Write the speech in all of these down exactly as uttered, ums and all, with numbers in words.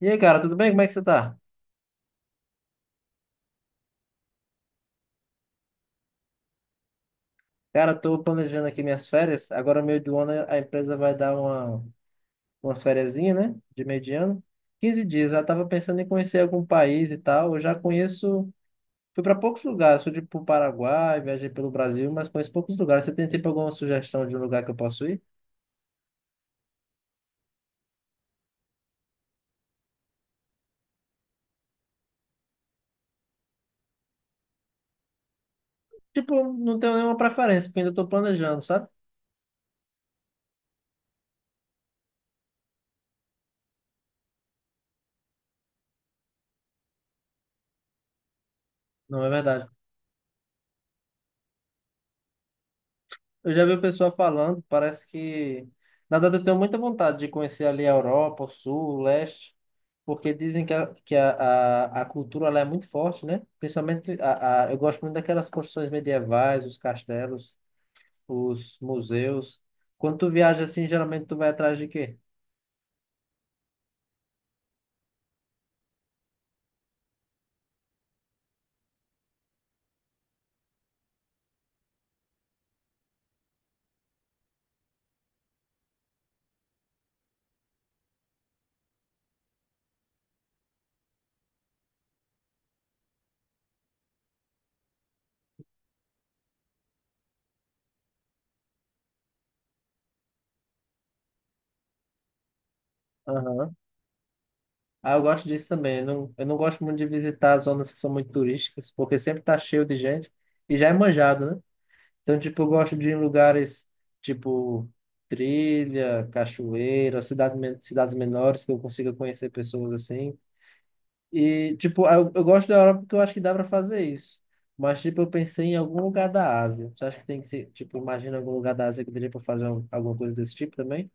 E aí, cara, tudo bem? Como é que você tá? Cara, eu tô planejando aqui minhas férias. Agora, meio do ano, a empresa vai dar uma, umas fériasinha, né? De meio de ano. Quinze dias. Eu tava pensando em conhecer algum país e tal. Eu já conheço... Fui para poucos lugares. Fui, tipo, pro Paraguai, viajei pelo Brasil, mas conheço poucos lugares. Você tem, tipo, alguma sugestão de um lugar que eu posso ir? Tipo, não tenho nenhuma preferência, porque ainda tô planejando, sabe? Não, é verdade. Eu já vi o pessoal falando, parece que... Na verdade, eu tenho muita vontade de conhecer ali a Europa, o Sul, o Leste. Porque dizem que a, que a, a, a cultura ela é muito forte, né? Principalmente, a, a, eu gosto muito daquelas construções medievais, os castelos, os museus. Quando tu viaja assim, geralmente tu vai atrás de quê? Aham. Ah, eu gosto disso também. Eu não, eu não gosto muito de visitar zonas que são muito turísticas, porque sempre tá cheio de gente e já é manjado, né? Então, tipo, eu gosto de ir em lugares tipo trilha, cachoeira, cidade, men- cidades menores que eu consiga conhecer pessoas assim. E, tipo, eu, eu gosto da Europa porque eu acho que dá pra fazer isso. Mas, tipo, eu pensei em algum lugar da Ásia. Você acha que tem que ser, tipo, imagina algum lugar da Ásia que daria pra fazer um- alguma coisa desse tipo também?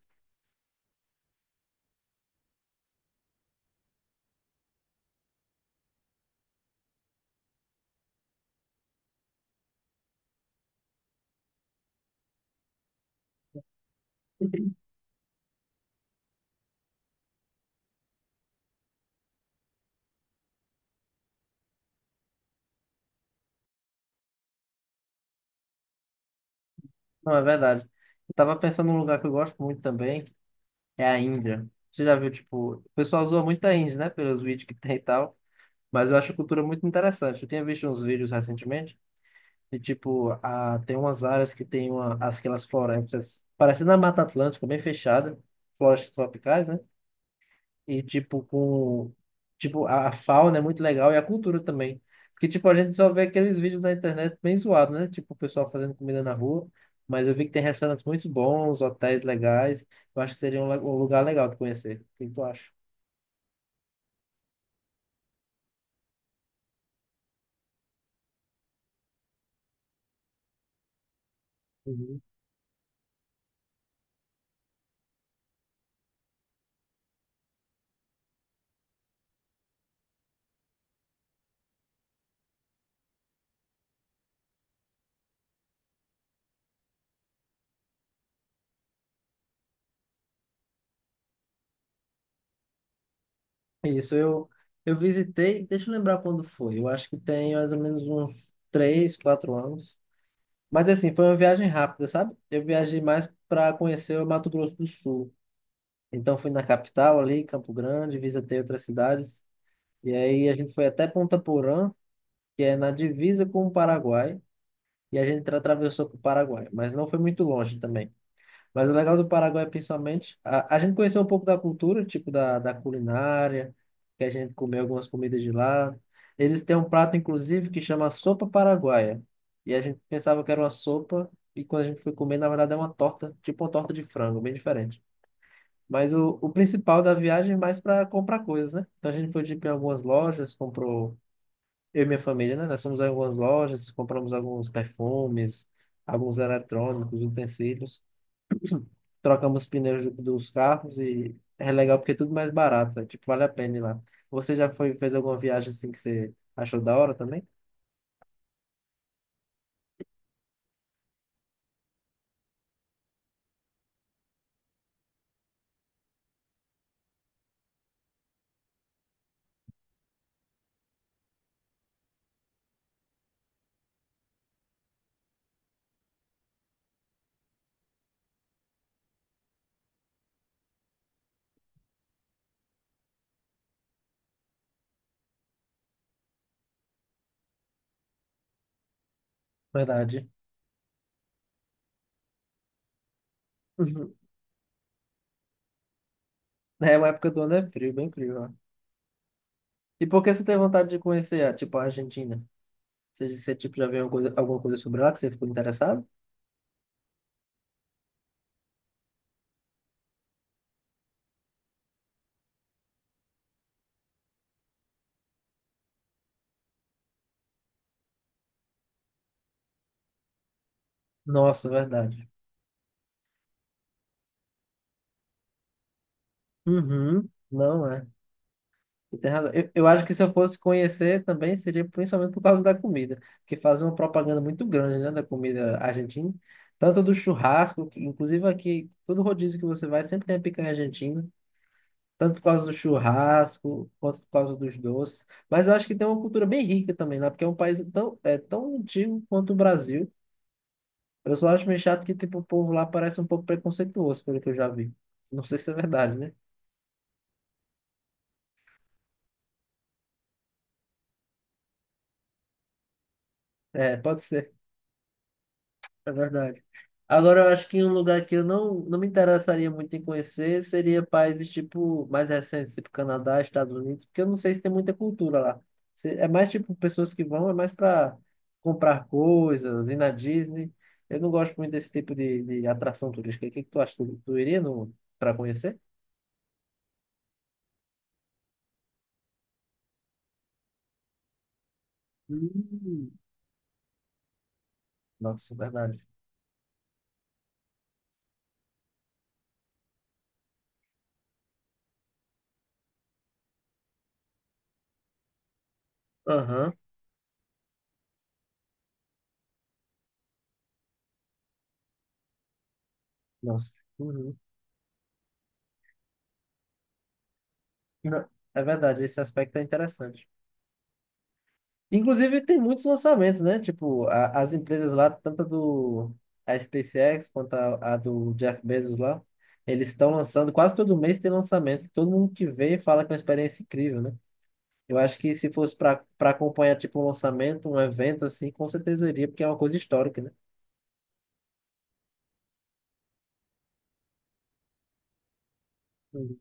Não, é verdade. Eu tava pensando num lugar que eu gosto muito também, é a Índia. Você já viu, tipo, o pessoal zoa muito a Índia, né, pelos vídeos que tem e tal. Mas eu acho a cultura muito interessante. Eu tinha visto uns vídeos recentemente e, tipo, a, tem umas áreas que tem uma, aquelas florestas, parecendo a Mata Atlântica, bem fechada, florestas tropicais, né? E, tipo, com... Tipo, a a fauna é muito legal e a cultura também. Porque, tipo, a gente só vê aqueles vídeos na internet bem zoados, né? Tipo, o pessoal fazendo comida na rua. Mas eu vi que tem restaurantes muito bons, hotéis legais. Eu acho que seria um, le- um lugar legal de conhecer. O que tu acha? Uhum. Isso, eu, eu visitei, deixa eu lembrar quando foi. Eu acho que tem mais ou menos uns três, quatro anos. Mas assim, foi uma viagem rápida, sabe? Eu viajei mais para conhecer o Mato Grosso do Sul. Então fui na capital ali, Campo Grande, visitei outras cidades. E aí a gente foi até Ponta Porã, que é na divisa com o Paraguai, e a gente atravessou para o Paraguai, mas não foi muito longe também. Mas o legal do Paraguai, principalmente, a, a gente conheceu um pouco da cultura, tipo da, da culinária, que a gente comeu algumas comidas de lá. Eles têm um prato, inclusive, que chama sopa paraguaia. E a gente pensava que era uma sopa, e quando a gente foi comer, na verdade é uma torta, tipo uma torta de frango, bem diferente. Mas o, o principal da viagem é mais para comprar coisas, né? Então a gente foi tipo, em algumas lojas, comprou, eu e minha família, né? Nós fomos em algumas lojas, compramos alguns perfumes, alguns eletrônicos, utensílios, trocamos pneus do- dos carros e é legal porque é tudo mais barato, é, tipo, vale a pena ir lá. Você já foi, fez alguma viagem assim que você achou da hora também? Verdade. Uhum. É, uma época do ano é frio, bem frio, ó. E por que você tem vontade de conhecer, ah, tipo, a Argentina? Você, você tipo, já viu alguma coisa, alguma coisa sobre ela que você ficou interessado? Nossa, verdade. Uhum. Não é. Você tem razão. Eu, eu acho que se eu fosse conhecer também seria principalmente por causa da comida, porque fazem uma propaganda muito grande, né, da comida argentina, tanto do churrasco, que, inclusive aqui, todo rodízio que você vai sempre tem a picanha argentina, tanto por causa do churrasco, quanto por causa dos doces. Mas eu acho que tem uma cultura bem rica também lá, porque é um país tão, é, tão antigo quanto o Brasil. Eu só acho meio chato que tipo, o povo lá parece um pouco preconceituoso, pelo que eu já vi. Não sei se é verdade, né? É, pode ser. É verdade. Agora, eu acho que um lugar que eu não, não me interessaria muito em conhecer seria países tipo mais recentes, tipo Canadá, Estados Unidos, porque eu não sei se tem muita cultura lá. Se- É mais tipo pessoas que vão, é mais para comprar coisas, ir na Disney. Eu não gosto muito desse tipo de, de atração turística. O que que tu acha? Tu, tu iria no, para conhecer? Hum. Nossa, é verdade. Aham, nossa. Uhum. Não, é verdade, esse aspecto é interessante. Inclusive, tem muitos lançamentos, né? Tipo, a- as empresas lá, tanto a do a SpaceX quanto a, a do Jeff Bezos lá, eles estão lançando, quase todo mês tem lançamento. Todo mundo que vê fala que é uma experiência incrível, né? Eu acho que se fosse para para acompanhar, tipo, um lançamento, um evento assim, com certeza eu iria, porque é uma coisa histórica, né? Uhum.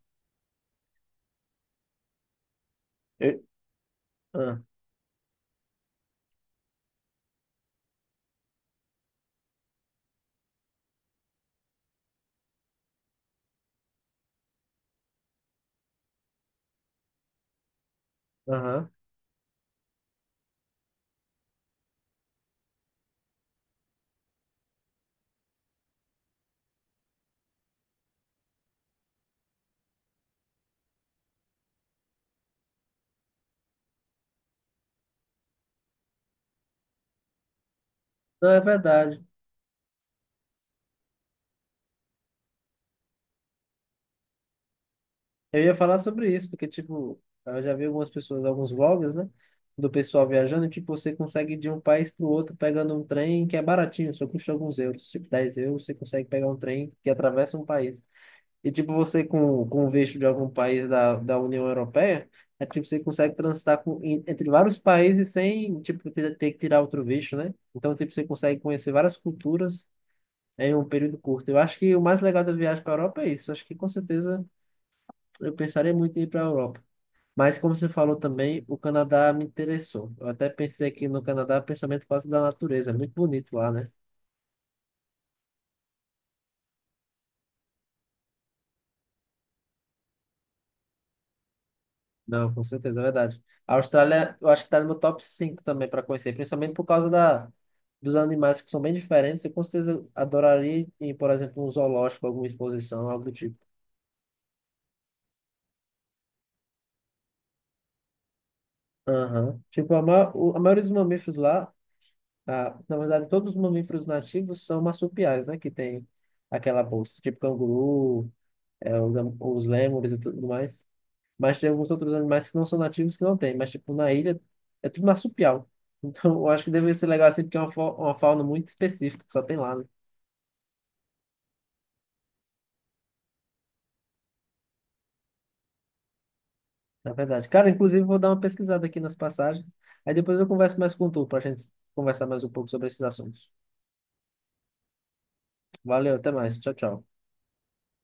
Eu... Ah, aham. Não, é verdade. Eu ia falar sobre isso, porque, tipo, eu já vi algumas pessoas, alguns vlogs, né? Do pessoal viajando, e, tipo, você consegue ir de um país para o outro pegando um trem que é baratinho, só custa alguns euros, tipo dez euros, você consegue pegar um trem que atravessa um país. E, tipo, você com, com o visto de algum país da, da União Europeia, é tipo, você consegue transitar com, em- entre vários países sem, tipo, ter, ter que tirar outro visto, né? Então, tipo, você consegue conhecer várias culturas em um período curto. Eu acho que o mais legal da viagem para a Europa é isso. Eu acho que, com certeza, eu pensaria muito em ir para a Europa. Mas como você falou também, o Canadá me interessou. Eu até pensei aqui no Canadá, principalmente por causa da natureza. É muito bonito lá, né? Não, com certeza, é verdade. A Austrália, eu acho que está no meu top cinco também para conhecer, principalmente por causa da, dos animais que são bem diferentes. Eu com certeza adoraria ir, por exemplo, um zoológico, alguma exposição, algo do tipo. Aham. Tipo, a, ma o- a maioria dos mamíferos lá, ah, na verdade, todos os mamíferos nativos são marsupiais, né? Que tem aquela bolsa, tipo canguru, é, o gam- os lêmures e tudo mais. Mas tem alguns outros animais que não são nativos que não tem. Mas, tipo, na ilha é tudo marsupial. Então, eu acho que deve ser legal assim, porque é uma, fa- uma fauna muito específica que só tem lá, né? Na verdade. Cara, inclusive, vou dar uma pesquisada aqui nas passagens. Aí depois eu converso mais com tu, pra gente conversar mais um pouco sobre esses assuntos. Valeu, até mais. Tchau, tchau.